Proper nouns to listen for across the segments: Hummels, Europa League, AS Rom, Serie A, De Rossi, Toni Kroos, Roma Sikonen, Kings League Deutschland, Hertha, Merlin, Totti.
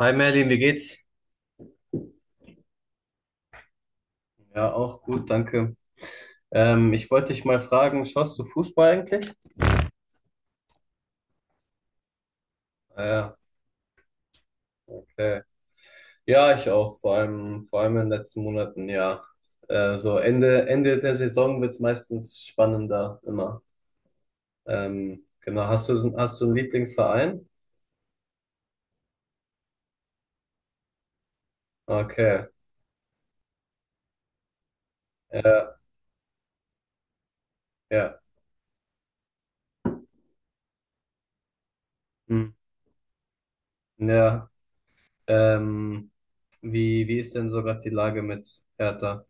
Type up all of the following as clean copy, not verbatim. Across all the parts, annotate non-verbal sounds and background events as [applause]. Hi Merlin, wie geht's? Ja, auch gut, danke. Ich wollte dich mal fragen, schaust du Fußball eigentlich? Ah ja, okay. Ja, ich auch, vor allem in den letzten Monaten, ja. So Ende, Ende der Saison wird's meistens spannender, immer. Genau, hast du einen Lieblingsverein? Okay, ja, ja, hm, ja. Ähm, wie ist denn sogar die Lage mit Hertha?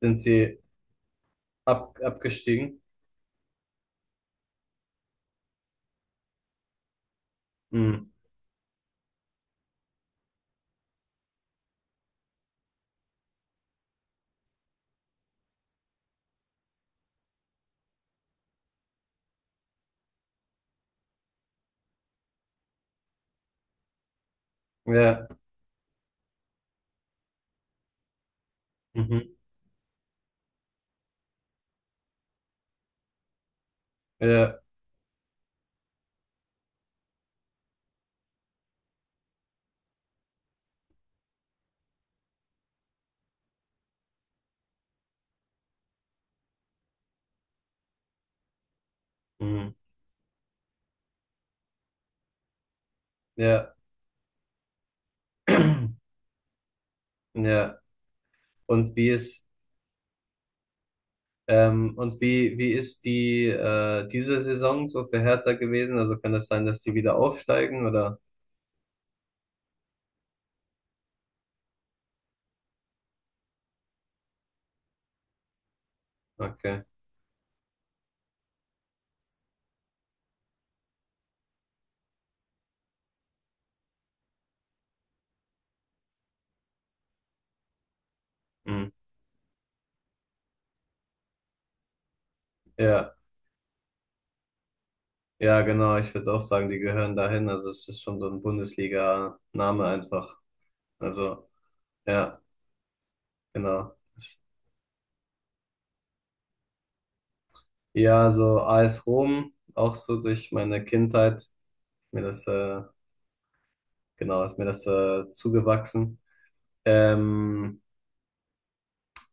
Sind sie abgestiegen? Hm, ja, mhm, ja. Ja, [clears throat] ja. Und wie ist, und wie ist diese Saison so für Hertha gewesen? Also kann das sein, dass sie wieder aufsteigen oder? Okay. Hm. Ja, ja, genau. Ich würde auch sagen, die gehören dahin. Also es ist schon so ein Bundesliga-Name einfach. Also, ja, genau. Ja, so AS Rom, auch so durch meine Kindheit, mir das, äh, genau, ist mir das zugewachsen. Ähm,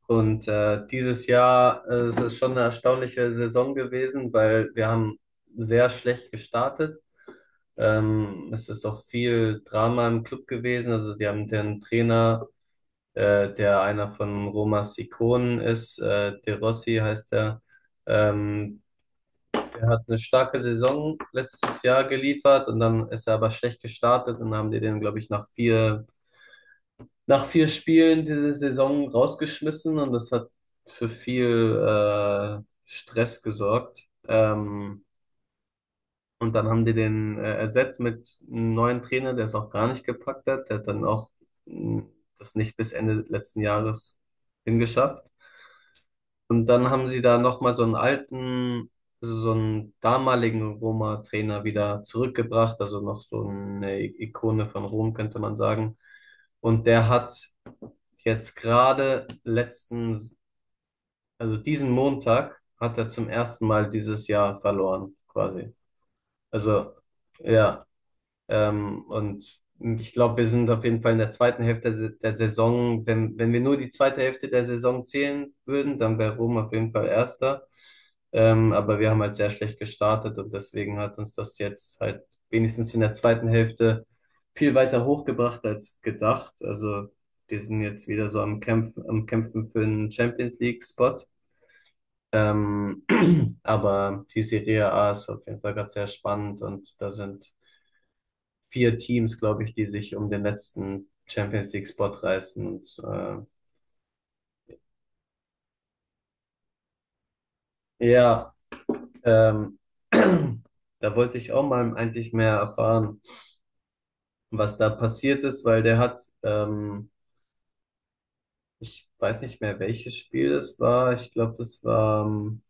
Und dieses Jahr, es ist schon eine erstaunliche Saison gewesen, weil wir haben sehr schlecht gestartet. Es ist auch viel Drama im Club gewesen. Also wir haben den Trainer, der einer von Roma Sikonen ist, De Rossi heißt er. Ähm, der hat eine starke Saison letztes Jahr geliefert und dann ist er aber schlecht gestartet und dann haben die den, glaube ich, nach vier Spielen diese Saison rausgeschmissen und das hat für viel Stress gesorgt. Ähm, und dann haben die den ersetzt mit einem neuen Trainer, der es auch gar nicht gepackt hat. Der hat dann auch mh, das nicht bis Ende letzten Jahres hingeschafft. Und dann haben sie da nochmal so einen damaligen Roma-Trainer wieder zurückgebracht, also noch so eine Ikone von Rom, könnte man sagen. Und der hat jetzt gerade also diesen Montag hat er zum ersten Mal dieses Jahr verloren, quasi. Also, ja, und ich glaube, wir sind auf jeden Fall in der zweiten Hälfte der Saison. Wenn wir nur die zweite Hälfte der Saison zählen würden, dann wäre Rom auf jeden Fall Erster. Aber wir haben halt sehr schlecht gestartet und deswegen hat uns das jetzt halt wenigstens in der zweiten Hälfte viel weiter hochgebracht als gedacht. Also wir sind jetzt wieder so am Kämpfen für einen Champions League-Spot. Ähm, [clears throat] aber die Serie A ist auf jeden Fall gerade sehr spannend und da sind vier Teams, glaube ich, die sich um den letzten Champions League-Spot reißen. Und ja, ähm, [clears throat] da wollte ich auch mal eigentlich mehr erfahren, was da passiert ist, weil der hat, ich weiß nicht mehr, welches Spiel das war. Ich glaube, das war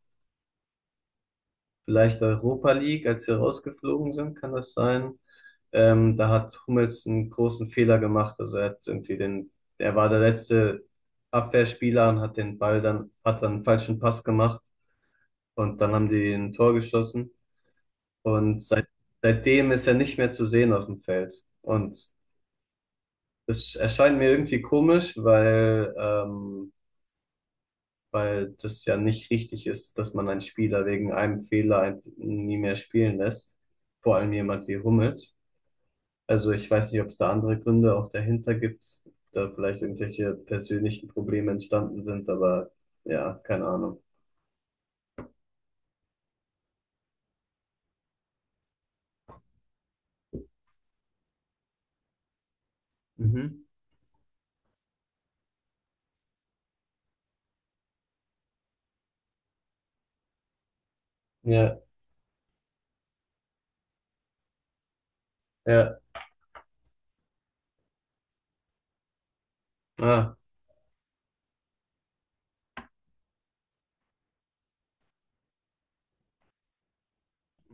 vielleicht Europa League, als wir rausgeflogen sind, kann das sein? Da hat Hummels einen großen Fehler gemacht. Also er hat irgendwie er war der letzte Abwehrspieler und hat dann einen falschen Pass gemacht und dann haben die ein Tor geschossen. Und seitdem ist er nicht mehr zu sehen auf dem Feld. Und das erscheint mir irgendwie komisch, weil das ja nicht richtig ist, dass man einen Spieler wegen einem Fehler nie mehr spielen lässt. Vor allem jemand wie Hummels. Also ich weiß nicht, ob es da andere Gründe auch dahinter gibt, da vielleicht irgendwelche persönlichen Probleme entstanden sind, aber ja, keine Ahnung. Mhm. Ja, ja, ah,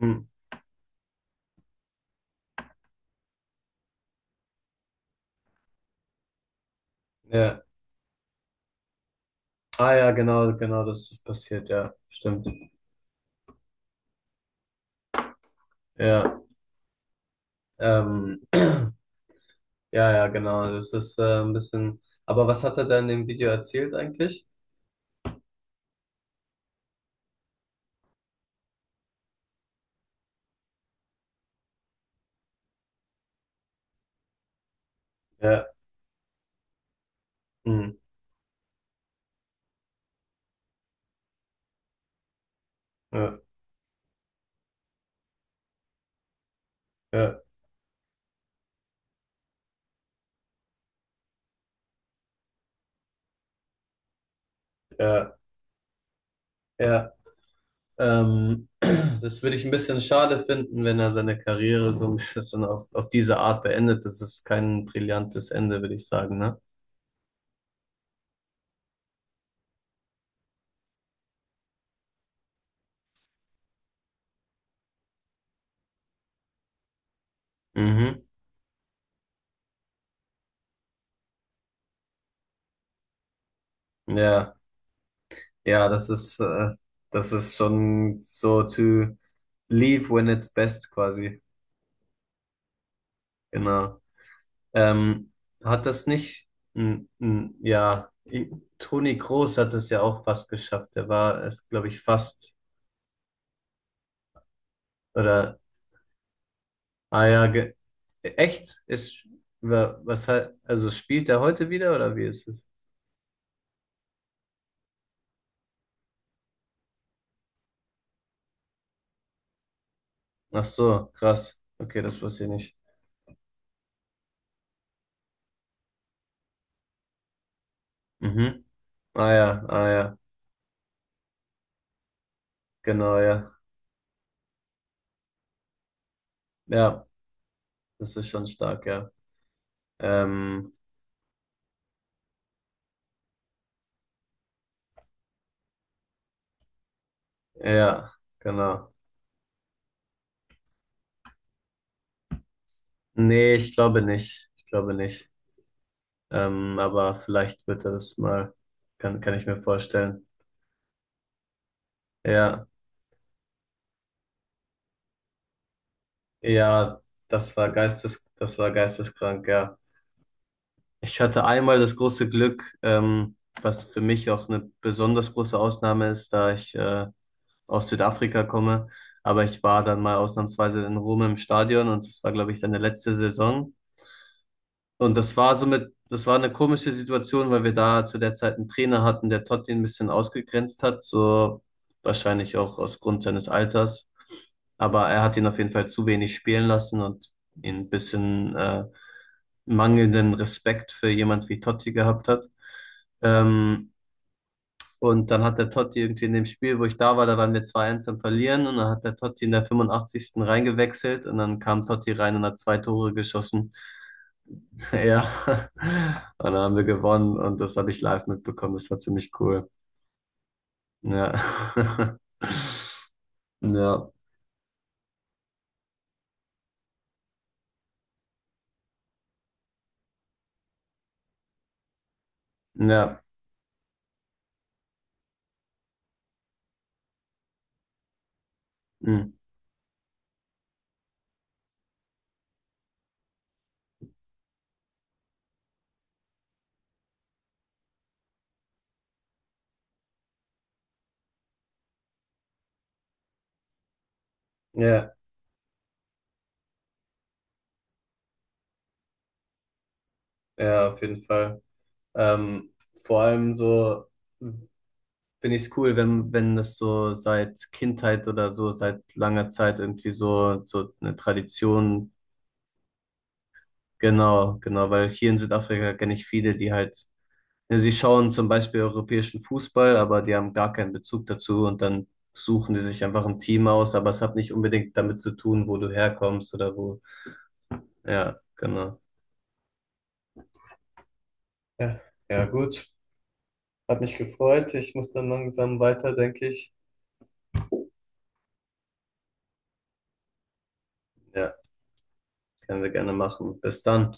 hm, ja. Ah ja, genau, genau, das ist passiert, ja, stimmt. Ja, ähm, ja, ja, genau, das ist ein bisschen. Aber was hat er da in dem Video erzählt eigentlich? Ja, hm, ja, ja. Ja, ja. [clears throat] Das würde ich ein bisschen schade finden, wenn er seine Karriere so ein bisschen so auf diese Art beendet. Das ist kein brillantes Ende, würde ich sagen, ne? Mhm. Ja, ja, das ist schon so to leave when it's best quasi. Genau. Ähm, hat das nicht, ja, Toni Kroos hat das ja auch fast geschafft. Der war es, glaube ich, fast, oder. Ah ja, ge echt? Was halt, also spielt er heute wieder oder wie ist es? Ach so, krass. Okay, das wusste ich nicht. Mhm. Ah ja, ah ja, genau, ja. Ja, das ist schon stark, ja. Ähm, ja, genau. Nee, ich glaube nicht. Ich glaube nicht. Aber vielleicht wird er das mal, kann ich mir vorstellen. Ja, ja, das war geisteskrank, ja. Ich hatte einmal das große Glück, was für mich auch eine besonders große Ausnahme ist, da ich aus Südafrika komme. Aber ich war dann mal ausnahmsweise in Rom im Stadion und das war, glaube ich, seine letzte Saison. Und das war eine komische Situation, weil wir da zu der Zeit einen Trainer hatten, der Totti ein bisschen ausgegrenzt hat, so wahrscheinlich auch aus Grund seines Alters. Aber er hat ihn auf jeden Fall zu wenig spielen lassen und ihn ein bisschen mangelnden Respekt für jemand wie Totti gehabt hat. Ähm, und dann hat der Totti irgendwie in dem Spiel, wo ich da war, da waren wir zwei 1 am Verlieren und dann hat der Totti in der 85. reingewechselt und dann kam Totti rein und hat zwei Tore geschossen. [laughs] Ja, und dann haben wir gewonnen und das habe ich live mitbekommen. Das war ziemlich cool. Ja, [laughs] ja, ja, mm. Ja, ja, auf jeden Fall. Ähm, vor allem so finde ich es cool, wenn das so seit Kindheit oder so, seit langer Zeit irgendwie so eine Tradition, genau, genau, weil hier in Südafrika kenne ich viele, die halt, ja, sie schauen zum Beispiel europäischen Fußball, aber die haben gar keinen Bezug dazu und dann suchen die sich einfach ein Team aus, aber es hat nicht unbedingt damit zu tun, wo du herkommst oder wo, ja, genau. Ja, ja, gut. Hat mich gefreut. Ich muss dann langsam weiter, denke ich. Ja. Können wir gerne machen. Bis dann.